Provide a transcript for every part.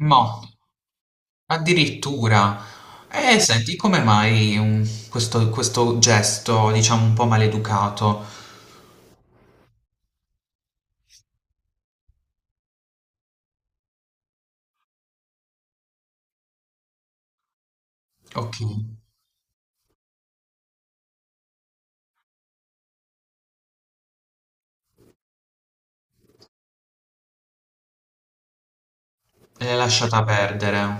No, addirittura. E senti, come mai questo gesto, diciamo, un po' maleducato? Ok, l'hai lasciata perdere.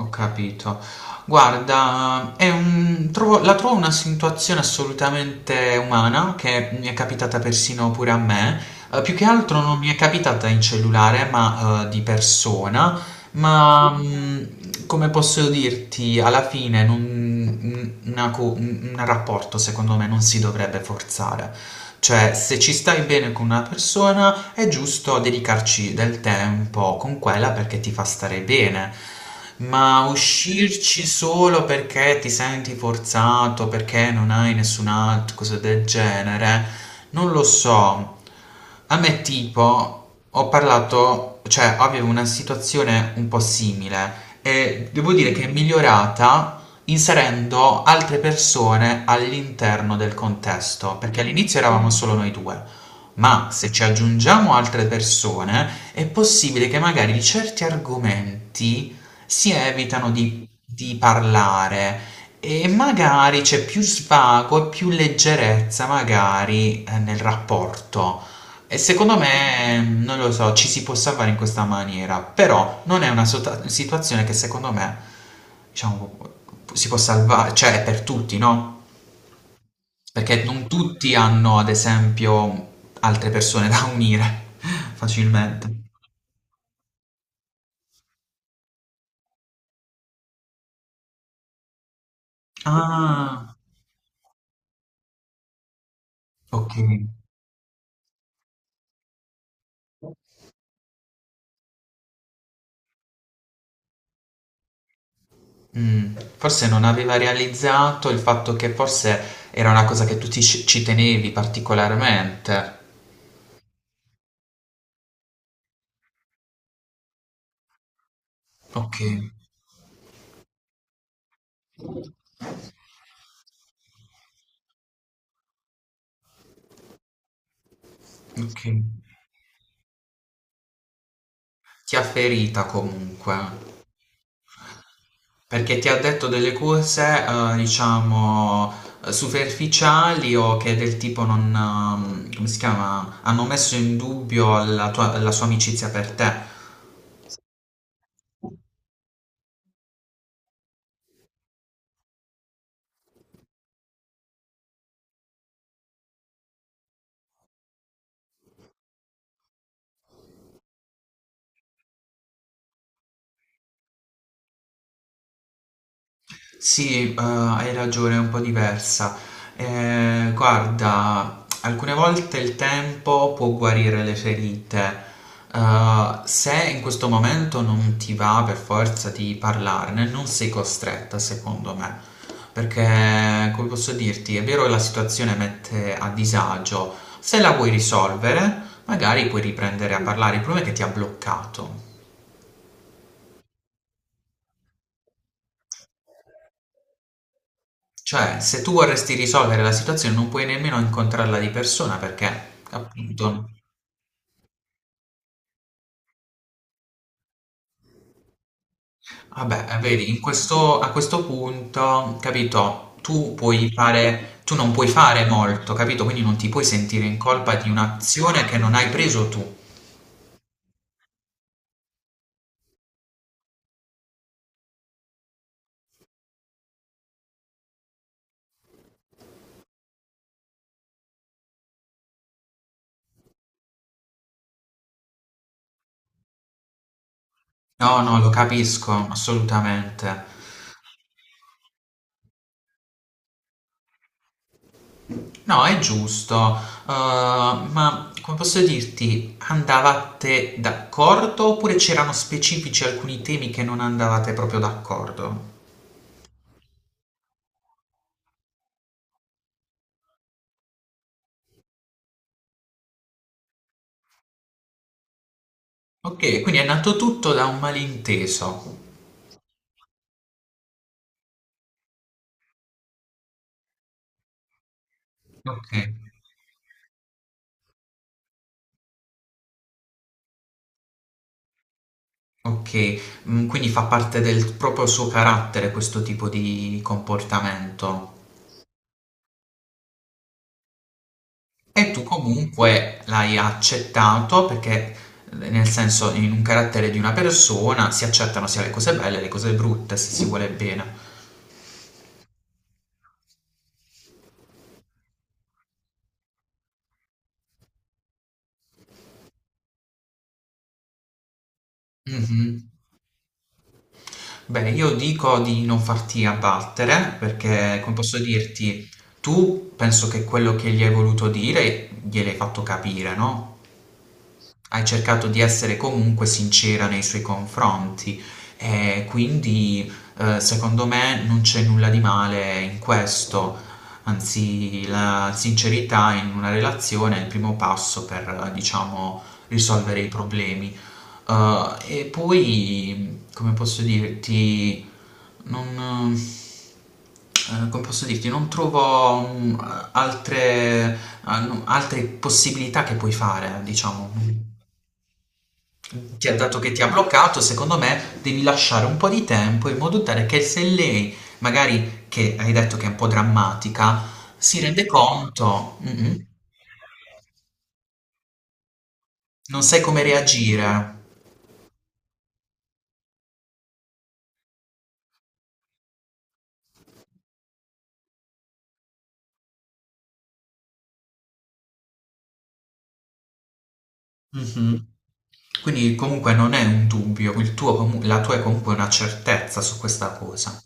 Ho capito. Guarda, è un- trovo- la trovo una situazione assolutamente umana che mi è capitata persino pure a me. Più che altro non mi è capitata in cellulare, ma di persona. Ma come posso dirti, alla fine non- un una co- un rapporto secondo me non si dovrebbe forzare. Cioè, se ci stai bene con una persona, è giusto dedicarci del tempo con quella perché ti fa stare bene. Ma uscirci solo perché ti senti forzato, perché non hai nessun altro, cose del genere, non lo so. A me tipo, ho parlato, cioè avevo una situazione un po' simile e devo dire che è migliorata inserendo altre persone all'interno del contesto, perché all'inizio eravamo solo noi due, ma se ci aggiungiamo altre persone è possibile che magari certi argomenti si evitano di parlare e magari c'è più svago e più leggerezza magari nel rapporto. E secondo me, non lo so, ci si può salvare in questa maniera, però non è una sota- situazione che secondo me, diciamo, si può salvare, cioè è per tutti, no? Perché non tutti hanno, ad esempio, altre persone da unire facilmente. Ah, ok. Mm, forse non aveva realizzato il fatto che forse era una cosa che tu ti- ci tenevi particolarmente. Ok, ok. Ti ha ferita comunque. Perché ti ha detto delle cose, diciamo, superficiali o che del tipo non, come si chiama, hanno messo in dubbio la tua- la sua amicizia per te. Sì, hai ragione, è un po' diversa. Guarda, alcune volte il tempo può guarire le ferite. Se in questo momento non ti va per forza di parlarne, non sei costretta, secondo me. Perché, come posso dirti, è vero che la situazione mette a disagio. Se la vuoi risolvere, magari puoi riprendere a parlare. Il problema è che ti ha bloccato. Cioè, se tu vorresti risolvere la situazione non puoi nemmeno incontrarla di persona perché, appunto, vabbè, vedi, in questo- a questo punto, capito, tu puoi fare, tu non puoi fare molto, capito? Quindi non ti puoi sentire in colpa di un'azione che non hai preso tu. No, no, lo capisco, assolutamente. No, è giusto, ma come posso dirti, andavate d'accordo oppure c'erano specifici alcuni temi che non andavate proprio d'accordo? Okay, quindi è nato tutto da un malinteso. Okay, okay. Mhmm, quindi fa parte del proprio suo carattere questo tipo di comportamento. E tu comunque l'hai accettato perché, nel senso in un carattere di una persona si accettano sia le cose belle, che le cose brutte, se si vuole bene. Mh-mh. Beh, io dico di non farti abbattere perché, come posso dirti, tu penso che quello che gli hai voluto dire gliel'hai fatto capire, no? Hai cercato di essere comunque sincera nei suoi confronti e quindi, secondo me non c'è nulla di male in questo. Anzi, la sincerità in una relazione è il primo passo per, diciamo, risolvere i problemi. E poi, come posso dirti, non come posso dirti, non trovo, mhmm, altre a no altre possibilità che puoi fare, diciamo ti ha dato che ti ha bloccato, secondo me devi lasciare un po' di tempo in modo tale che se lei, magari che hai detto che è un po' drammatica, si rende conto, non sai come reagire. Mhm. Quindi comunque non è un dubbio, il tuo comu- la tua è comunque una certezza su questa cosa.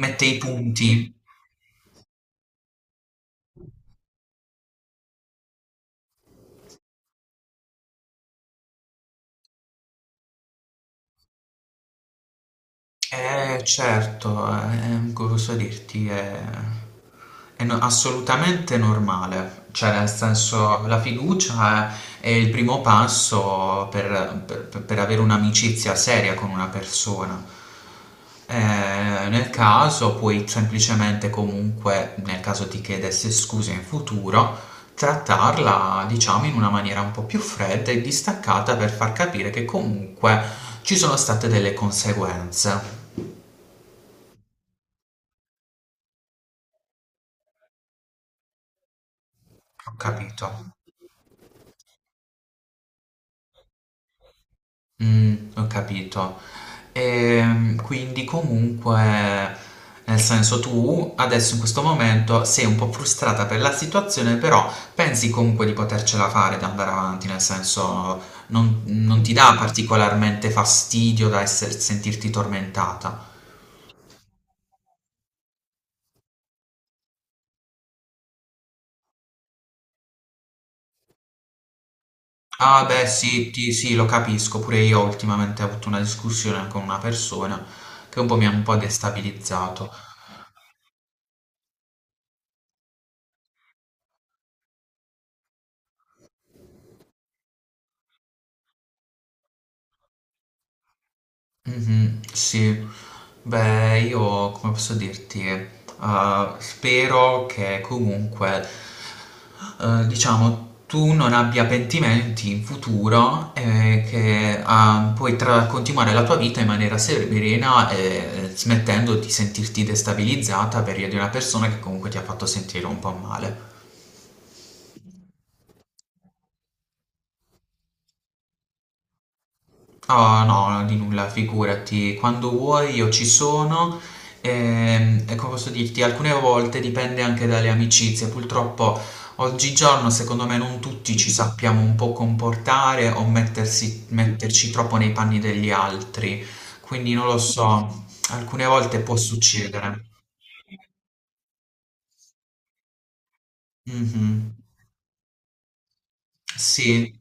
Mette i punti. Certo, come posso dirti, è no- assolutamente normale, cioè nel senso la fiducia è il primo passo per avere un'amicizia seria con una persona. Eh, nel caso puoi semplicemente comunque, nel caso ti chiedesse scusa in futuro, trattarla diciamo in una maniera un po' più fredda e distaccata per far capire che comunque ci sono state delle conseguenze. Ho capito, mm, ho capito. Quindi comunque, nel senso tu adesso in questo momento sei un po' frustrata per la situazione, però pensi comunque di potercela fare, di andare avanti, nel senso non, non ti dà particolarmente fastidio da esser- sentirti tormentata. Ah beh sì, ti- sì, lo capisco, pure io ultimamente ho avuto una discussione con una persona che un po' mi ha un po' destabilizzato. Mhm, sì, beh, io come posso dirti, spero che comunque, diciamo, tu non abbia pentimenti in futuro e che ah, puoi tra- continuare la tua vita in maniera serena e smettendo di sentirti destabilizzata per via di una persona che comunque ti ha fatto sentire un po' male. Ah, no, di nulla, figurati. Quando vuoi io ci sono. E, come posso dirti, alcune volte dipende anche dalle amicizie. Purtroppo oggigiorno, secondo me, non tutti ci sappiamo un po' comportare o mettersi- metterci troppo nei panni degli altri. Quindi non lo so, alcune volte può succedere. Mhm. Sì,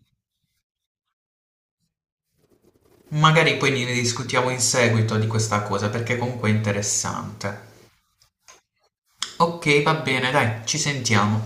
magari poi ne discutiamo in seguito di questa cosa perché comunque è interessante. Ok, va bene, dai, ci sentiamo.